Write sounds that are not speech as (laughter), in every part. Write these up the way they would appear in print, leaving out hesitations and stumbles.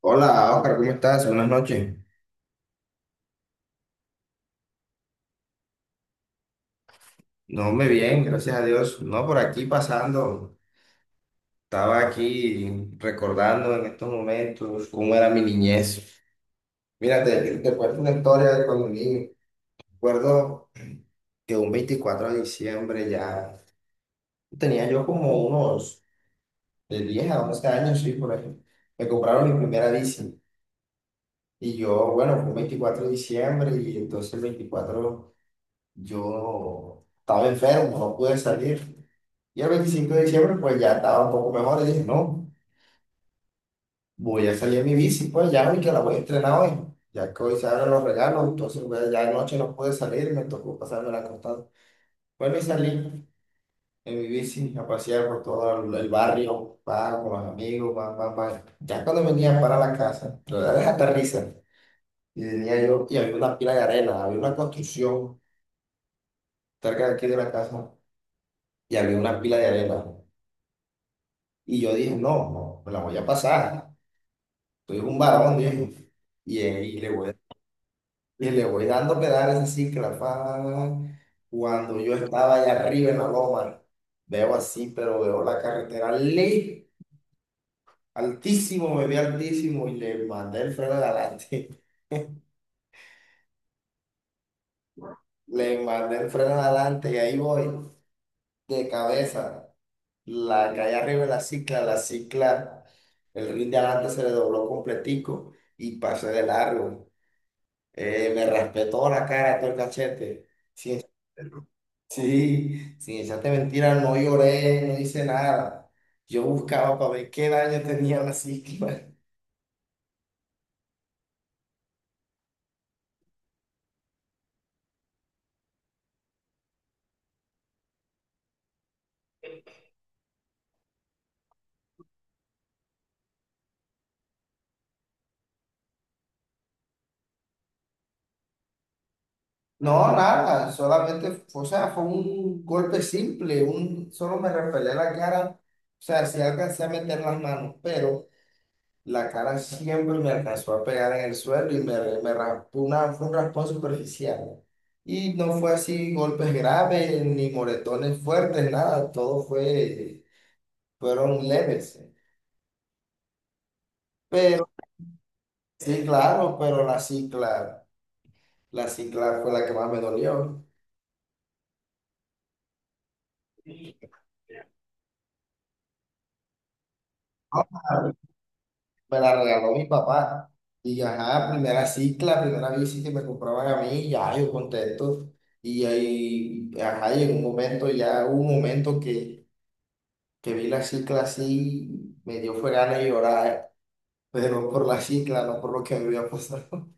Hola, Oscar, ¿cómo estás? Buenas noches. No, me bien, gracias a Dios. No, por aquí pasando. Estaba aquí recordando en estos momentos cómo era mi niñez. Mira, te cuento una historia de cuando niño. Recuerdo que un 24 de diciembre ya tenía yo como unos de 10 a 11 años, sí, por ahí. Me compraron mi primera bici. Y yo, bueno, fue un 24 de diciembre y entonces el 24, yo estaba enfermo, no pude salir. Y el 25 de diciembre, pues ya estaba un poco mejor. Y dije, no, voy a salir en mi bici, pues ya, y que la voy a entrenar hoy. Ya que hoy se abren los regalos, entonces pues, ya anoche no pude salir y me tocó pasarme la acostado. Bueno, y salí en mi bici a pasear por todo el barrio, pa, con los amigos, pa, pa, pa. Ya cuando venía para la casa, la verdad es hasta risa. Y venía yo, y había una pila de arena, había una construcción cerca de aquí de la casa, y había una pila de arena. Y yo dije, no, no, me la voy a pasar. Soy un varón, dije. Y ahí le voy, y le voy dando pedales así, cuando yo estaba allá arriba en la loma, veo así, pero veo la carretera ley, altísimo, me vi altísimo y le mandé el freno de adelante. (laughs) Le mandé el freno de adelante y ahí voy, de cabeza. La calle arriba de la cicla, el rin de adelante se le dobló completico y pasé de largo. Me raspé toda la cara, todo el cachete. Sin, (laughs) sí, sin echarte mentira, no lloré, no hice nada. Yo buscaba para ver qué daño tenía la psiquis. (laughs) No, nada, solamente, o sea, fue un golpe simple, solo me repelé la cara, o sea, sí alcancé a meter las manos, pero la cara siempre me alcanzó a pegar en el suelo y me raspó fue un raspón superficial. Y no fue así golpes graves, ni moretones fuertes, nada, fueron leves. Pero sí, claro, pero la cicla fue la que más me dolió. Ajá, me la regaló mi papá. Y ajá, primera cicla, primera bici que me compraban a mí, ya yo contento. Y ahí, ajá, y en un momento, ya hubo un momento que vi la cicla así, me dio fue ganas de llorar, pero por la cicla, no por lo que me había pasado.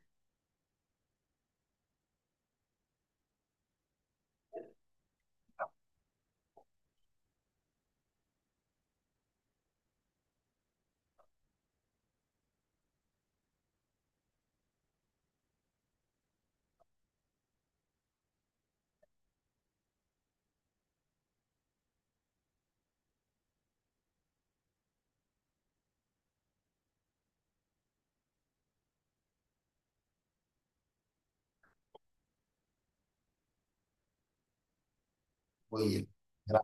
Oye, era-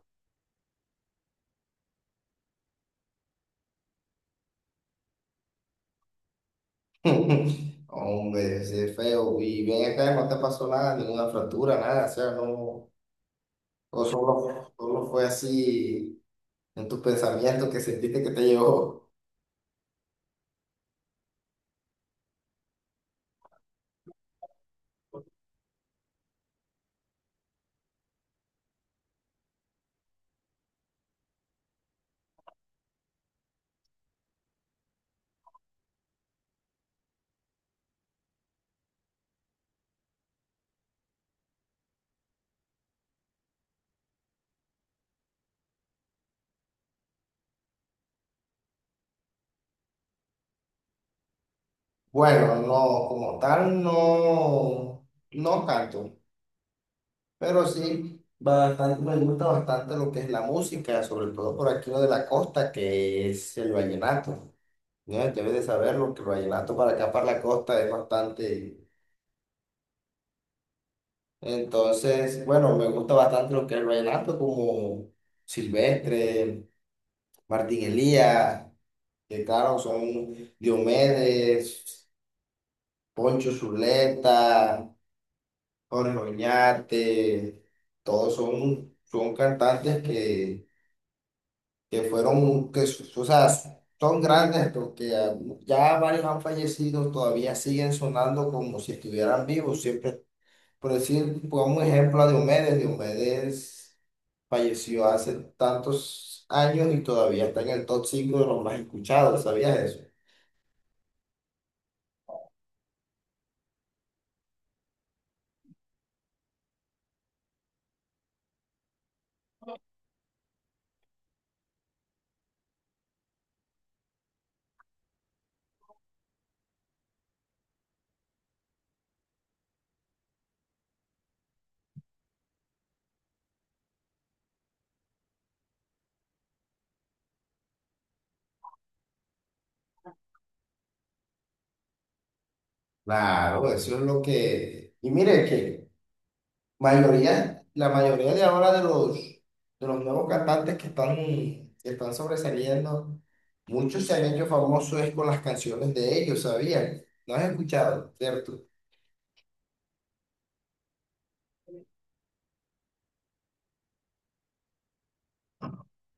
(laughs) hombre, ese es feo. Y bien acá no te pasó nada, ninguna fractura, nada, o sea, no, o solo fue así en tus pensamientos que sentiste que te llegó. Bueno, no, como tal, no, no tanto, pero sí. Bastante, me gusta bastante lo que es la música, sobre todo por aquí lo de la costa, que es el vallenato. Ya, debe de saberlo, que el vallenato para acá, para la costa, es bastante. Entonces, bueno, me gusta bastante lo que es el vallenato, como Silvestre, Martín Elías, que claro, son Diomedes, Poncho Zuleta, Jorge Oñate, todos son cantantes que fueron, o sea, son grandes porque ya varios han fallecido, todavía siguen sonando como si estuvieran vivos, siempre. Por decir, pongamos un ejemplo a Diomedes. Diomedes falleció hace tantos años y todavía está en el top 5 de los más escuchados, ¿sabías eso? Claro, eso es lo que... Y mire que la mayoría de ahora de de los nuevos cantantes que están, sobresaliendo, muchos se han hecho famosos es con las canciones de ellos, ¿sabías? ¿No has escuchado, cierto?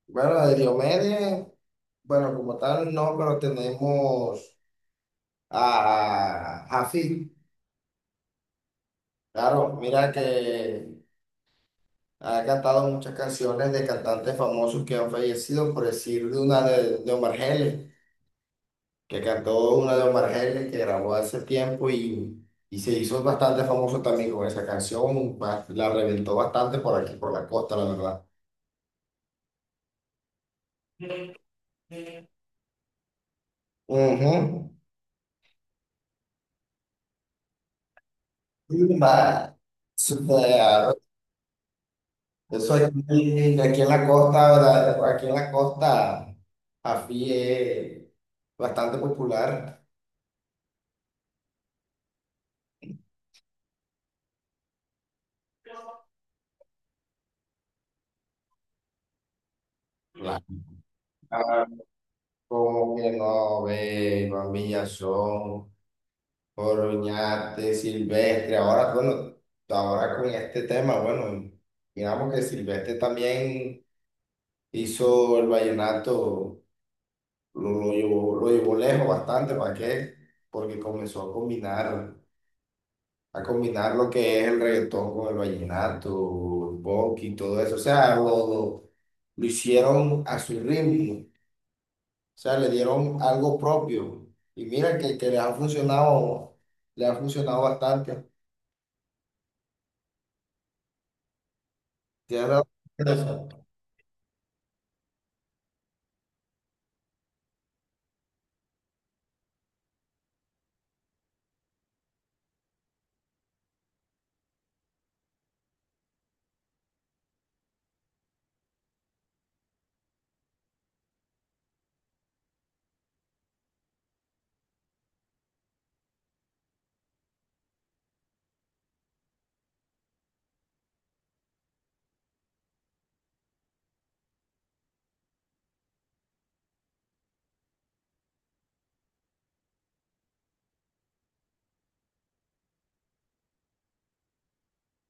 Bueno, la de Diomedes, bueno, como tal no, pero tenemos... a Jafi. Claro, mira que ha cantado muchas canciones de cantantes famosos que han fallecido, por decir de una de Omar Geles, que cantó una de Omar Geles que grabó hace tiempo y se hizo bastante famoso también con esa canción, la reventó bastante por aquí, por la costa, la verdad. Ujú. Zumba. Zumba. Yo soy aquí, aquí en la costa, ¿verdad? Aquí en la costa, AFI es bastante popular. La- Como que no ve, Juan Villazón, Oroñate, Silvestre. Ahora, bueno, ahora con este tema, bueno, digamos que Silvestre también hizo el vallenato, lo lo llevó lejos bastante, ¿para qué? Porque comenzó a combinar lo que es el reggaetón con el vallenato, el bonk y todo eso. O sea, lo hicieron a su ritmo. O sea, le dieron algo propio. Y mira que les ha funcionado, le ha funcionado bastante. Tienes razón en eso.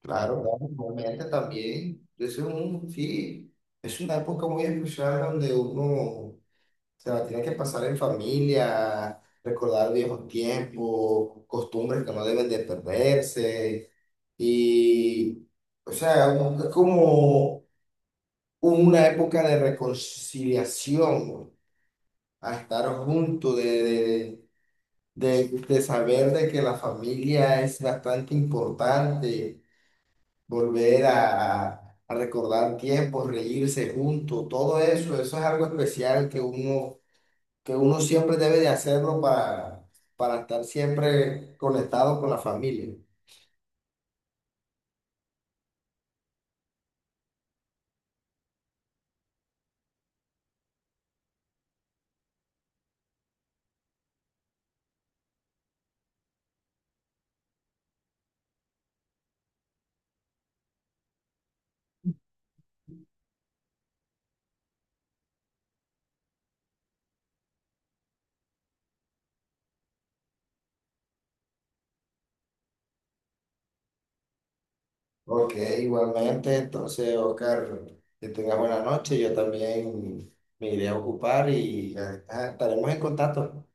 Claro, claro, realmente también. Sí, es una época muy especial donde uno se la tiene que pasar en familia, recordar viejos tiempos, costumbres que no deben de perderse. Y, o sea, es como una época de reconciliación, a estar juntos, de saber de que la familia es bastante importante, volver a recordar tiempos, reírse juntos, todo eso, eso es algo especial que uno, siempre debe de hacerlo para estar siempre conectado con la familia. Ok, igualmente, entonces, Oscar, que tengas buena noche. Yo también me iré a ocupar y estaremos en contacto.